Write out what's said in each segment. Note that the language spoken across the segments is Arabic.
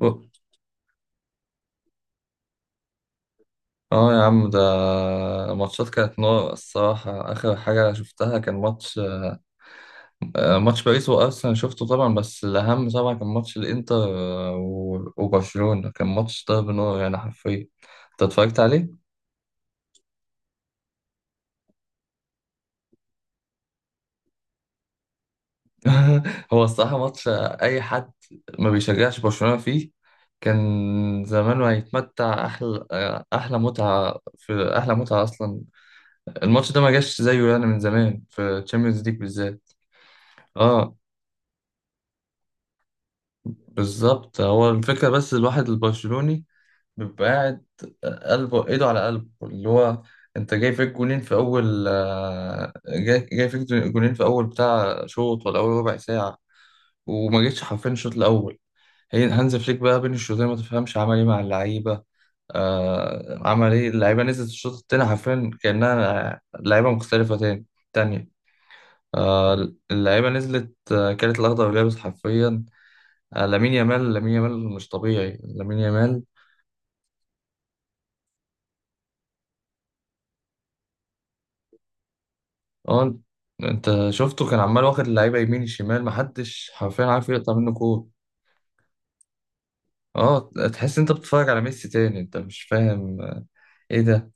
اه، يا عم ده ماتشات كانت نار الصراحة. آخر حاجة شفتها كان ماتش باريس وأرسنال شفته طبعا. بس الأهم طبعا كان ماتش الإنتر آه، و- وبرشلونة. كان ماتش ضرب نار يعني حرفيا. أنت اتفرجت عليه؟ هو الصراحة ماتش، أي حد ما بيشجعش برشلونة فيه كان زمانه هيتمتع أحلى متعة. في أحلى متعة أصلا. الماتش ده ما جاش زيه يعني من زمان في تشامبيونز ليج بالذات. اه، بالظبط. هو الفكرة بس الواحد البرشلوني بيبقى قاعد قلبه، ايده على قلبه، اللي هو انت جاي فيك جولين في اول بتاع شوط ولا اول ربع ساعة. وما جيتش حرفيا الشوط الاول. هي هانز فليك بقى بين الشوطين ما تفهمش عمل ايه مع اللعيبة. عمل ايه اللعيبة؟ نزلت الشوط التاني حرفيا كأنها لعيبة مختلفة، تانية. آه اللعيبة نزلت، كانت الأخضر واليابس حرفيا. لامين يامال، لامين يامال مش طبيعي. لامين يامال. اه، انت شفته كان عمال واخد اللعيبه يمين الشمال، محدش حرفيا عارف يقطع منه كوره. اه، تحس انت بتتفرج على ميسي تاني، انت مش فاهم ايه ده.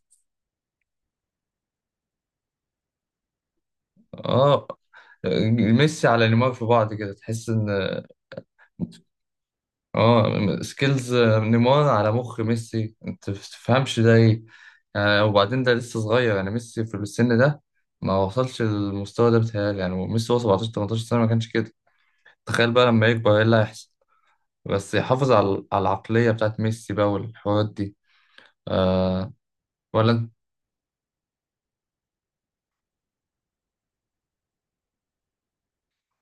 اه، ميسي على نيمار في بعض كده، تحس ان اه سكيلز نيمار على مخ ميسي، انت بتفهمش ده ايه. وبعدين ده لسه صغير يعني، ميسي في السن ده ما وصلش للمستوى ده بتهيألي. يعني ميسي هو 17 18 سنه ما كانش كده. تخيل بقى لما يكبر ايه اللي هيحصل، بس يحافظ على العقلية بتاعت ميسي بقى والحوارات دي. آه ولا انت-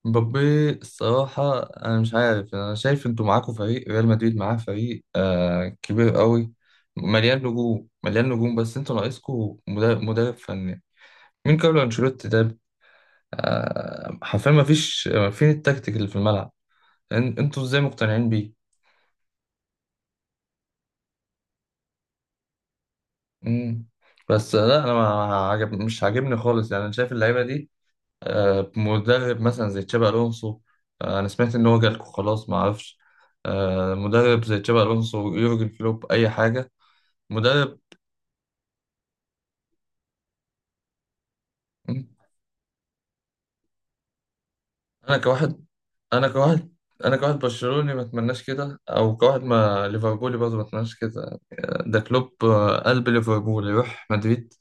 مبابي الصراحة أنا مش عارف. أنا شايف أنتوا معاكوا فريق ريال مدريد، معاه فريق كبير قوي، مليان نجوم، مليان نجوم، بس أنتوا ناقصكوا مدرب فني. مين كارلو أنشيلوتي ده؟ حرفيا مفيش. فين التكتيك اللي في الملعب؟ أنتوا إزاي مقتنعين بيه؟ مم. بس لا، أنا ما عجب مش عاجبني خالص يعني. أنا شايف اللعيبة دي مدرب مثلا زي تشابي الونسو. انا سمعت ان هو جالكوا خلاص ما اعرفش. مدرب زي تشابي الونسو، يورجن كلوب، اي حاجه. مدرب. مم. انا كواحد انا كواحد انا كواحد برشلوني ما اتمناش كده، او كواحد ما ليفربولي برضه ما اتمناش كده. ده كلوب، قلب ليفربول، يروح مدريد؟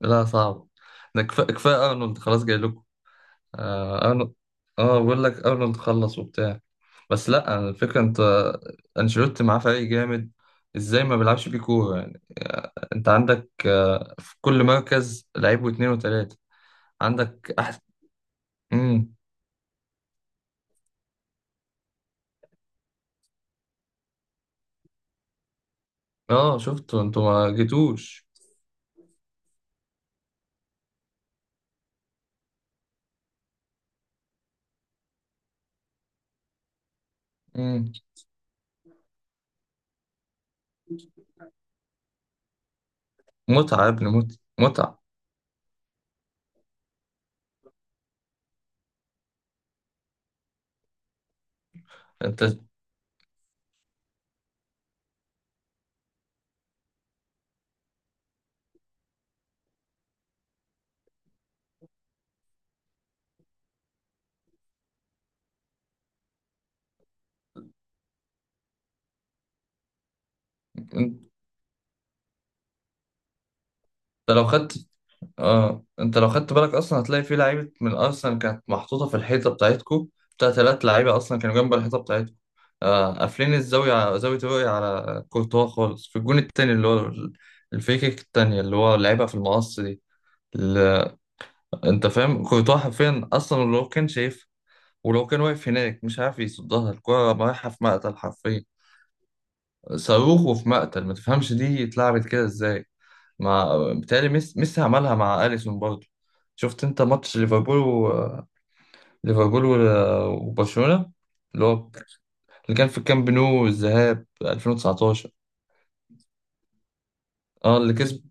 لا، صعب. ده كفايه ارنولد خلاص جاي لكم. اه أرن- بقول لك ارنولد خلص وبتاع. بس لا، الفكره انت انشيلوتي معاه فريق جامد، ازاي ما بيلعبش بيه كوره يعني. انت عندك في كل مركز لعيب واثنين وثلاثه. عندك احسن. امم. اه، شفتوا انتوا ما جيتوش. امم. متعه يا ابني، متعه متعه. انت انت لو خدت اه انت لو خدت بالك اصلا هتلاقي في لعيبه من ارسنال كانت محطوطه في الحيطه بتاعتكو، بتاع ثلاث لعيبه اصلا كانوا جنب الحيطه بتاعتكو. قافلين الزاويه، زاويه الرؤيه على كورتوا خالص. في الجون التاني اللي هو الفريكيك التانيه اللي هو لعبها في المقص دي. ال- انت فاهم؟ كورتوا حرفيا اصلا لو كان شايف، ولو كان واقف هناك، مش عارف يصدها، الكره رايحه في مقتل حرفيا. صاروخ وفي مقتل، ما تفهمش دي اتلعبت كده ازاي. مع بتهيألي ميسي عملها مع أليسون برضه. شفت انت ماتش ليفربول و... ليفربول و... وبرشلونة، اللي هو اللي كان في الكامب نو، الذهاب 2019. اه،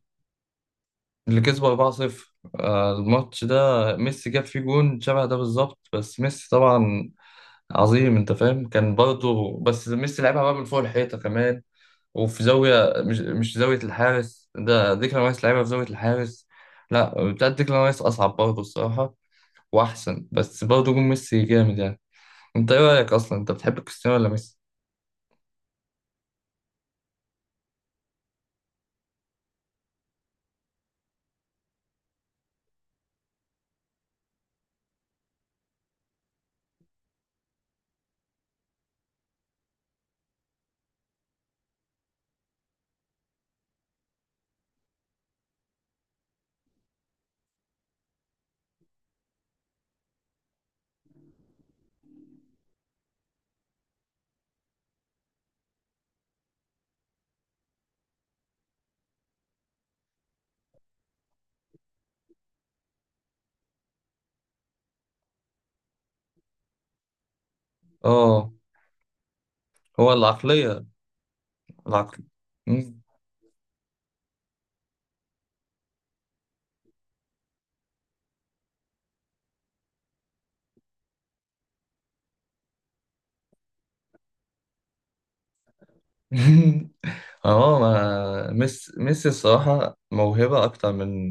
اللي كسبوا 4-0. الماتش ده ميسي جاب فيه جون شبه ده بالظبط، بس ميسي طبعا عظيم انت فاهم. كان برضه بس ميسي لعبها بقى من فوق الحيطة كمان، وفي زاوية، مش زاوية الحارس. ده ديكلان رايس لعبها في زاوية الحارس. لا، بتاعت ديكلان رايس أصعب برضه الصراحة واحسن، بس برضه جون ميسي جامد يعني. انت ايه رايك اصلا، انت بتحب كريستيانو ولا ميسي؟ اه، هو العقليه. العقل. مم. اه، ما ميسي ميسي الصراحه موهبه اكتر من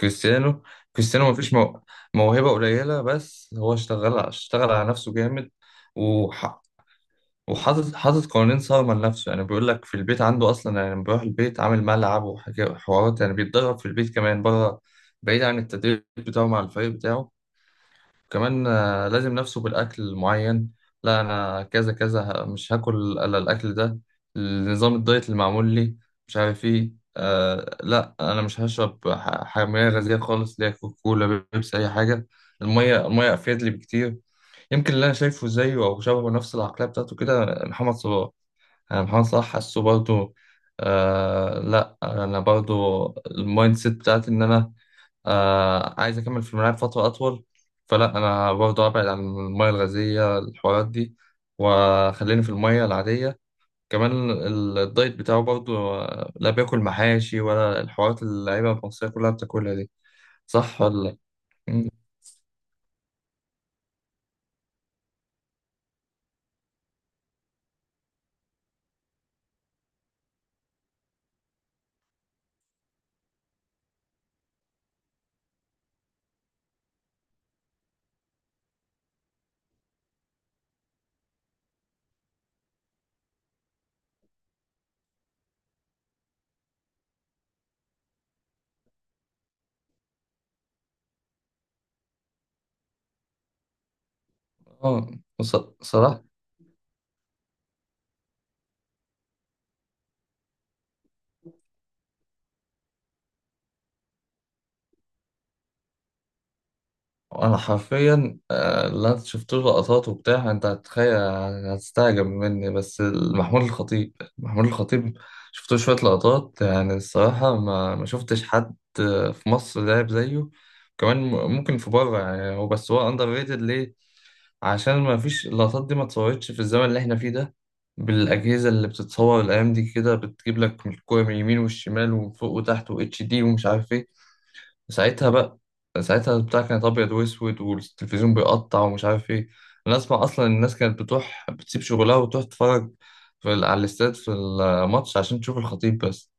كريستيانو. كريستيانو مفيش موهبه قليله، بس هو اشتغل على نفسه جامد. وحاطط قوانين صارمة لنفسه يعني. بيقول لك في البيت عنده أصلا يعني لما بيروح البيت عامل ملعب وحاجات وحوارات، يعني بيتدرب في البيت كمان بره، بعيد عن التدريب بتاعه مع الفريق بتاعه. كمان لازم نفسه بالأكل معين. لا، أنا كذا كذا، مش هاكل إلا الأكل ده، النظام الدايت اللي معمول لي، مش عارف إيه. لا، أنا مش هشرب حمية غازية خالص، اللي هي كوكولا، بيبسي، أي حاجة. المية، المية أفيد لي بكتير. يمكن اللي أنا شايفه زيه أو شبهه نفس العقلية بتاعته كده محمد صلاح. انا محمد صلاح حاسه برضو. لا، انا برضو المايند سيت بتاعتي ان انا عايز اكمل في الملاعب فتره اطول. فلا، انا برضو ابعد عن الميه الغازيه، الحوارات دي، وخليني في الميه العاديه. كمان الدايت بتاعه برضو، لا بياكل محاشي ولا الحوارات اللي اللعيبه المصريه كلها بتاكلها دي. صح ولا لا؟ مم. اه، ص- صلاح. انا حرفيا اللي انا شفت له لقطات وبتاع، انت هتتخيل، هتستعجب مني، بس محمود الخطيب. محمود الخطيب شفت له شويه لقطات يعني. الصراحه، ما شفتش حد في مصر لعب زيه، كمان ممكن في بره يعني. هو بس هو اندر ريتد ليه؟ عشان ما فيش اللقطات دي، ما اتصورتش في الزمن اللي احنا فيه ده بالاجهزه اللي بتتصور الايام دي كده، بتجيب لك الكوره من اليمين والشمال، ومن فوق وتحت، واتش دي ومش عارف ايه. ساعتها بقى ساعتها البتاع كانت ابيض واسود، والتلفزيون بيقطع ومش عارف ايه. انا اسمع اصلا الناس كانت بتروح بتسيب شغلها وتروح تتفرج على الاستاد في الماتش عشان تشوف الخطيب بس.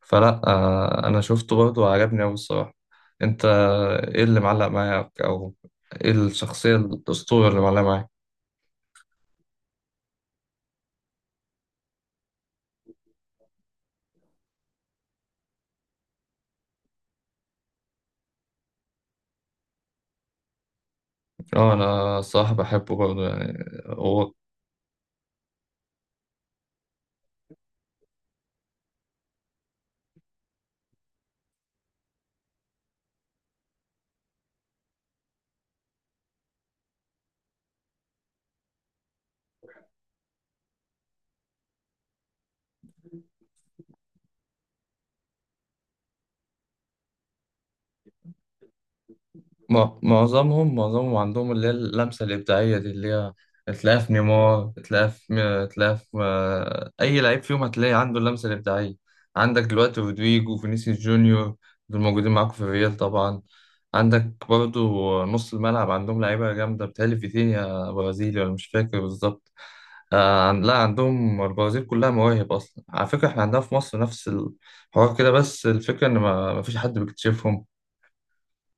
فلا انا شفته برضه وعجبني قوي الصراحه. انت ايه اللي معلق معاك، او ايه الشخصيه الاسطوره اللي معلقه معاك؟ اه، انا الصراحه بحبه برضه يعني هو. معظمهم عندهم اللي هي اللمسة الإبداعية دي، اللي هي تلاقيها في نيمار، تلاقيها في أي لعيب فيهم هتلاقي عنده اللمسة الإبداعية. عندك دلوقتي رودريجو، فينيسيوس جونيور، دول موجودين معاكم في الريال طبعا. عندك برضو نص الملعب عندهم لعيبة جامدة، بتهيألي فيتينيا برازيلي ولا مش فاكر بالظبط. لا، عندهم البرازيل كلها مواهب أصلا. على فكرة إحنا عندنا في مصر نفس الحوار كده، بس الفكرة إن ما فيش حد بيكتشفهم.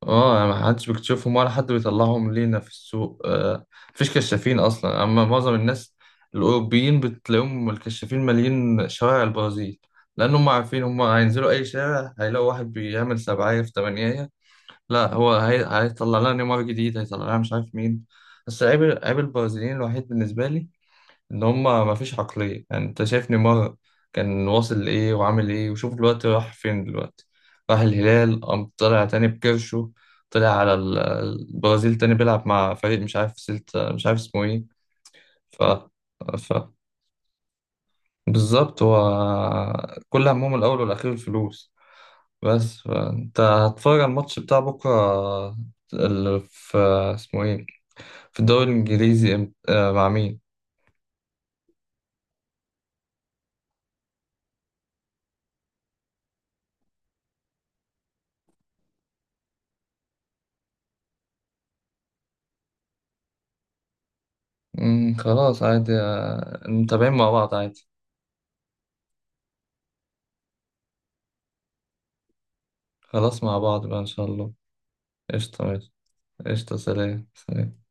اه، يعني ما حدش بيكتشفهم، ولا حد بيطلعهم لينا في السوق. مفيش كشافين اصلا. اما معظم الناس الاوروبيين بتلاقيهم الكشافين مالين شوارع البرازيل، لان هم عارفين هم هينزلوا اي شارع هيلاقوا واحد بيعمل سبعية في تمانية. لا، هيطلع لنا نيمار جديد، هيطلع لنا مش عارف مين. بس عيب البرازيليين الوحيد بالنسبة لي، ان هما ما فيش عقلية يعني. انت شايف نيمار كان واصل لايه وعامل ايه، وشوف دلوقتي راح فين. دلوقتي راح الهلال، قام طلع تاني بكرشه، طلع على البرازيل تاني بيلعب مع فريق مش عارف سلت، مش عارف اسمه ايه. ف, ف... بالظبط. هو كل همهم الاول والاخير الفلوس. بس فانت هتتفرج على الماتش بتاع بكره، اللي في اسمه ايه، في الدوري الانجليزي، مع مين؟ مم، خلاص عادي. متابعين مع بعض عادي. خلاص، مع بعض بقى إن شاء الله. قشطة، ماشي. قشطة، سلام، سلام.